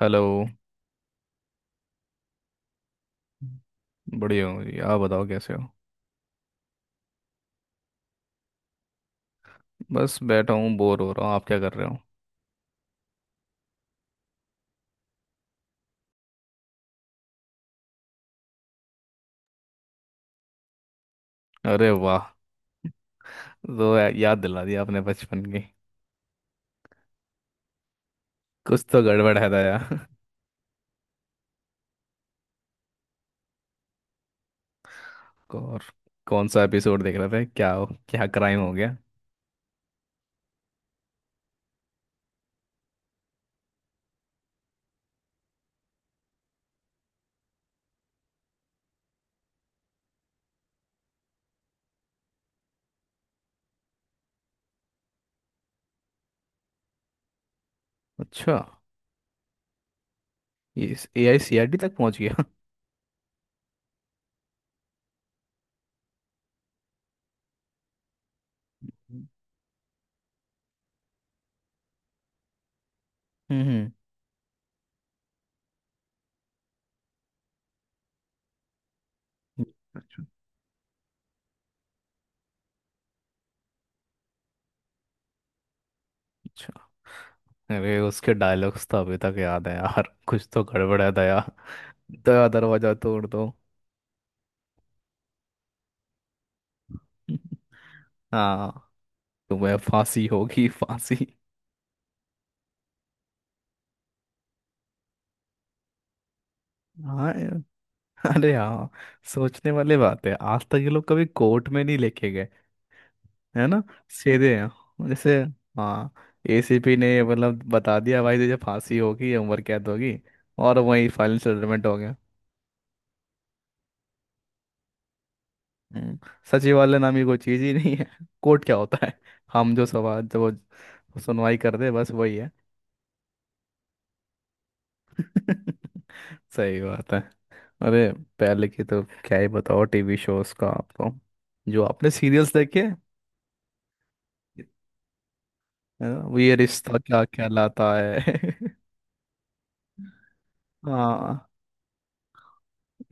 Hello. बढ़िया हूँ जी। आप बताओ कैसे हो। बस बैठा हूँ, बोर हो रहा हूँ। आप क्या कर रहे हो। अरे वाह। तो याद दिला दिया आपने बचपन की। कुछ तो गड़बड़ है दया। और कौन सा एपिसोड देख रहे थे? क्या हो? क्या क्राइम हो गया? अच्छा। ये इस एआईसीआरडी तक पहुंच गया। हम्म, हम्म। अच्छा। अच्छा। अरे, उसके डायलॉग्स तो अभी तक याद है यार। कुछ तो गड़बड़ है दया। दया दरवाजा तोड़ दो। हाँ। तुम्हें फांसी होगी फांसी। हाँ। अरे हाँ। सोचने वाली बात है, आज तक ये लोग कभी कोर्ट में नहीं लेके गए। है ना। सीधे हैं। जैसे हाँ, एसीपी ने मतलब बता दिया भाई तुझे फांसी होगी या उम्र कैद होगी। और वही फाइनल सेटलमेंट हो गया। हम्म। सचिवालय नामी कोई चीज ही नहीं है। कोर्ट क्या होता है? हम जो सवाल जो सुनवाई कर दे बस वही है। सही बात है। अरे, पहले की तो क्या ही बताओ टीवी शोज का आपको। जो आपने सीरियल्स देखे। है ना? वो ये रिश्ता क्या कहलाता है। हाँ।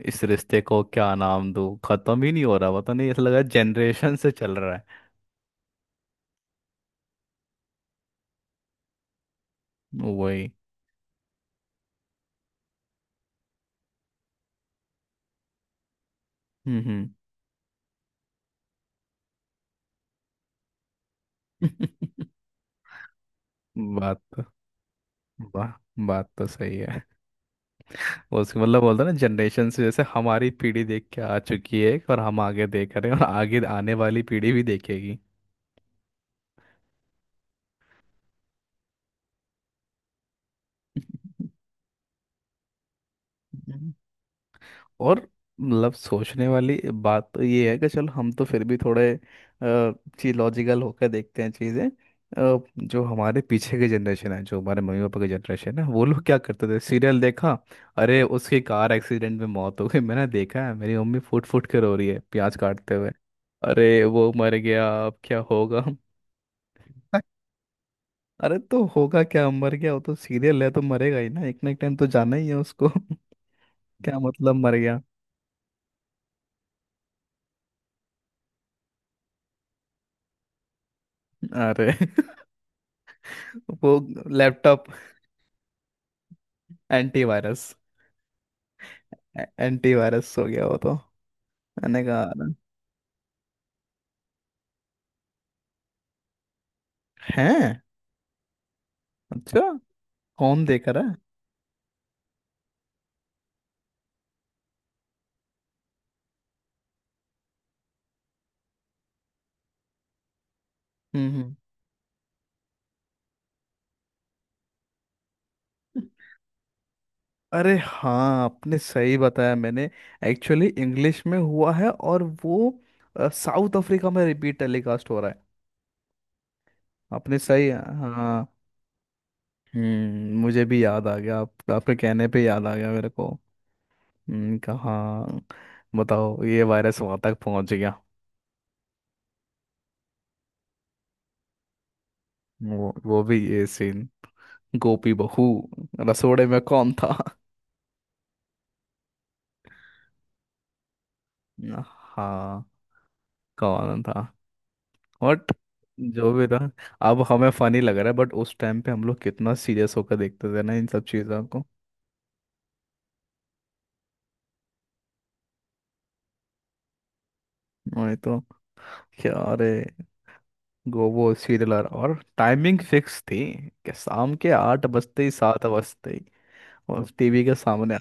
इस रिश्ते को क्या नाम दूँ। खत्म ही नहीं हो रहा, पता नहीं। ऐसा लग रहा है जनरेशन से चल रहा है वही। हम्म, हम्म। बात तो वाह, बात तो सही है। उसके मतलब बोलते हैं ना, जनरेशन से जैसे हमारी पीढ़ी देख के आ चुकी है, और हम आगे देख रहे हैं, और आगे आने वाली पीढ़ी भी देखेगी। और मतलब सोचने वाली बात तो ये है कि चलो हम तो फिर भी थोड़े चीज लॉजिकल होकर देखते हैं चीज़ें। जो हमारे पीछे की जनरेशन है, जो हमारे मम्मी पापा की जनरेशन है, वो लोग क्या करते थे? सीरियल देखा। अरे उसकी कार एक्सीडेंट में मौत हो गई। मैंने देखा है मेरी मम्मी फुट फुट कर रो रही है प्याज काटते हुए। अरे वो मर गया, अब क्या होगा। अरे तो होगा क्या मर गया। वो तो सीरियल है, तो मरेगा ही ना। एक ना एक टाइम तो जाना ही है उसको। क्या मतलब मर गया। अरे। वो लैपटॉप। एंटीवायरस। एंटीवायरस हो गया वो तो। मैंने कहा हैं। अच्छा। कौन देख रहा है? हम्म, अरे हाँ, आपने सही बताया। मैंने एक्चुअली इंग्लिश में हुआ है, और वो साउथ अफ्रीका में रिपीट टेलीकास्ट हो रहा है। आपने सही। हाँ। हम्म, मुझे भी याद आ गया। आप आपके कहने पे याद आ गया मेरे को। हम्म। कहाँ। बताओ ये वायरस वहां तक पहुंच गया। वो भी ये सीन। गोपी बहू। रसोड़े में कौन था? हाँ। कौन था। बट जो भी था। अब हमें फनी लग रहा है, बट उस टाइम पे हम लोग कितना सीरियस होकर देखते थे ना इन सब चीजों को। वही तो। क्या अरे। गो वो सीरियल और टाइमिंग फिक्स थी। कि शाम के 8 बजते ही 7 बजते ही। और टीवी के सामने।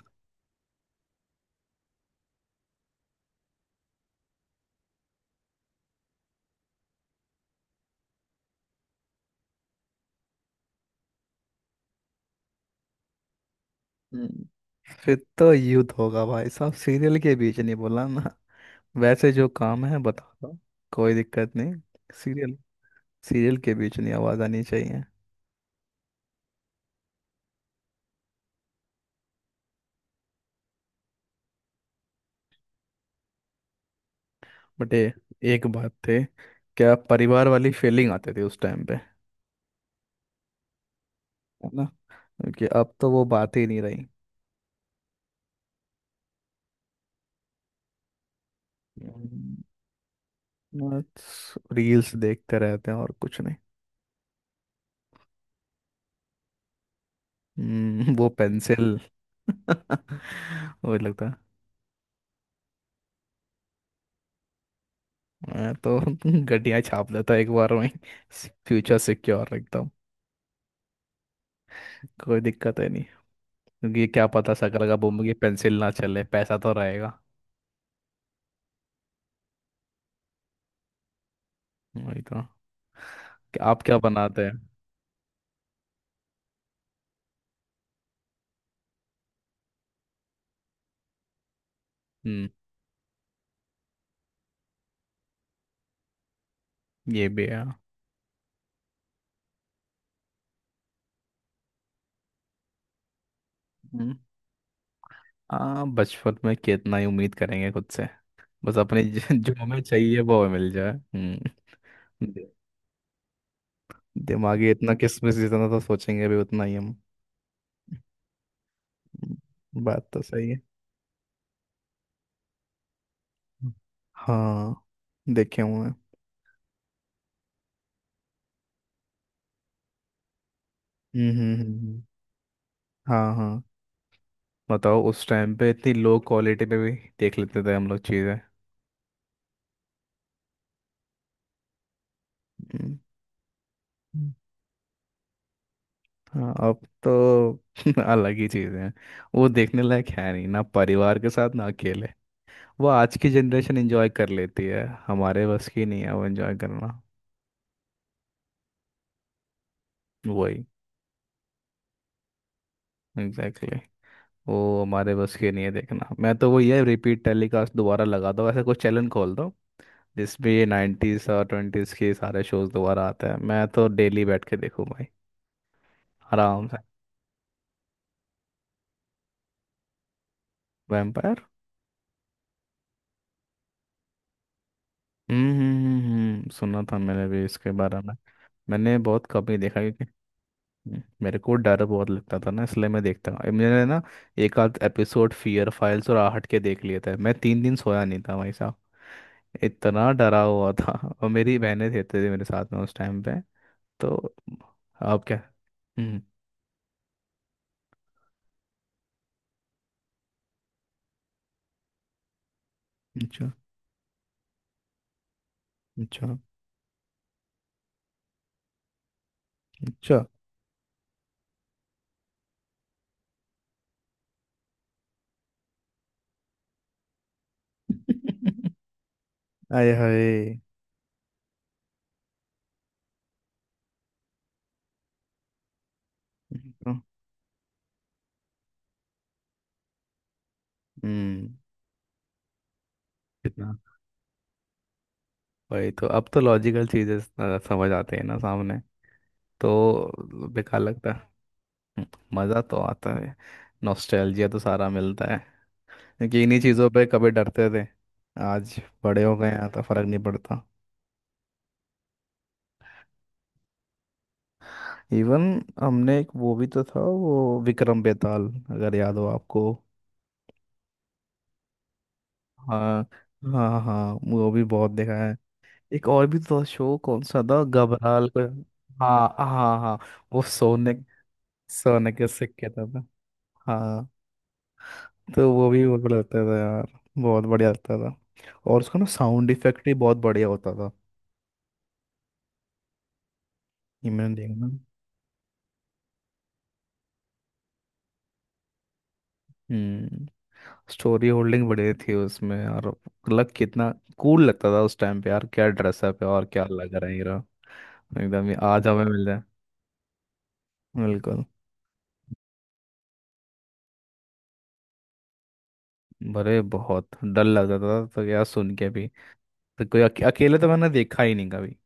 हम्म, फिर तो युद्ध होगा भाई साहब। सीरियल के बीच नहीं बोला ना। वैसे जो काम है बता दो। कोई दिक्कत नहीं। सीरियल। सीरियल के बीच नहीं आवाज आनी चाहिए। बट ये एक बात थे। क्या परिवार वाली फीलिंग आती थी उस टाइम पे। है ना। क्योंकि अब तो वो बात ही नहीं रही। हम्म, बस रील्स देखते रहते हैं और कुछ नहीं। वो पेंसिल। वही लगता है। मैं तो गड्डियां छाप लेता एक बार में। फ्यूचर सिक्योर रखता हूँ। कोई दिक्कत है नहीं। क्योंकि क्या पता शकल का बम की पेंसिल ना चले, पैसा तो रहेगा। वही तो। आप क्या बनाते हैं? हम्म। ये भी है। हम्म। हाँ, बचपन में कितना ही उम्मीद करेंगे खुद से। बस अपने जो हमें चाहिए वो हमें मिल जाए। हम्म। दि- दिमागी इतना किसमिस जितना तो सोचेंगे भी उतना ही हम। बात तो सही है। हम्म। हाँ। देखे हुए हैं। हम्म, हाँ, हाँ। बताओ, उस टाइम पे इतनी लो क्वालिटी में भी देख लेते थे हम लोग चीज़ें। हम्म। हम्म। हाँ, अब तो अलग ही चीज़ें हैं। वो देखने लायक है नहीं ना, परिवार के साथ ना अकेले। वो आज की जनरेशन एंजॉय कर लेती है, हमारे बस की नहीं है वो एंजॉय करना। वही। Exactly exactly। वो हमारे बस की नहीं है देखना। मैं तो वो ये रिपीट टेलीकास्ट दोबारा लगा दो, ऐसा कुछ चैनल खोल दो जिसमें ये 90s और 20s के सारे शोज दोबारा आते हैं। मैं तो डेली बैठ के देखूँ भाई, आराम से। वैम्पायर। हम्म, सुना था मैंने भी इसके बारे में। मैंने बहुत कम ही देखा क्योंकि मेरे को डर बहुत लगता था ना, इसलिए मैं देखता हूँ मैंने ना एक आध एपिसोड फियर फाइल्स और आहट के देख लिए थे। मैं 3 दिन सोया नहीं था भाई साहब। इतना डरा हुआ था। और मेरी बहनें रहते थे मेरे साथ में उस टाइम पे। तो आप क्या। हम्म। अच्छा, अच्छा, अच्छा। आए हाय। हम्म। कितना। वही तो। अब तो लॉजिकल चीजें समझ आते हैं ना सामने, तो बेकार लगता है। मज़ा तो आता है। नॉस्टैल्जिया तो सारा मिलता है। क्योंकि इन्हीं चीज़ों पे कभी डरते थे आज। बड़े हो गए हैं तो फर्क नहीं पड़ता। इवन हमने एक वो भी तो था, वो विक्रम बेताल, अगर याद हो आपको। हाँ, हाँ, हाँ। वो भी बहुत देखा है। एक और भी तो शो कौन सा था घबराल को। हाँ, हाँ, हाँ। वो सोने सोने के सिक्के था। हाँ। तो वो भी बहुत बड़ा लगता था यार। बहुत बढ़िया लगता था। और उसका ना साउंड इफेक्ट भी बहुत बढ़िया होता था। ये मैंने देखा ना, स्टोरी होल्डिंग बढ़िया थी उसमें और लग कितना कूल लगता था उस टाइम पे यार। क्या ड्रेसअप है और क्या लग रहा है हीरो। एकदम ही आज हमें मिल जाए। बिल्कुल। भरे बहुत डर लगता था तो यार सुन के भी, तो कोई अकेले तो मैंने देखा ही नहीं कभी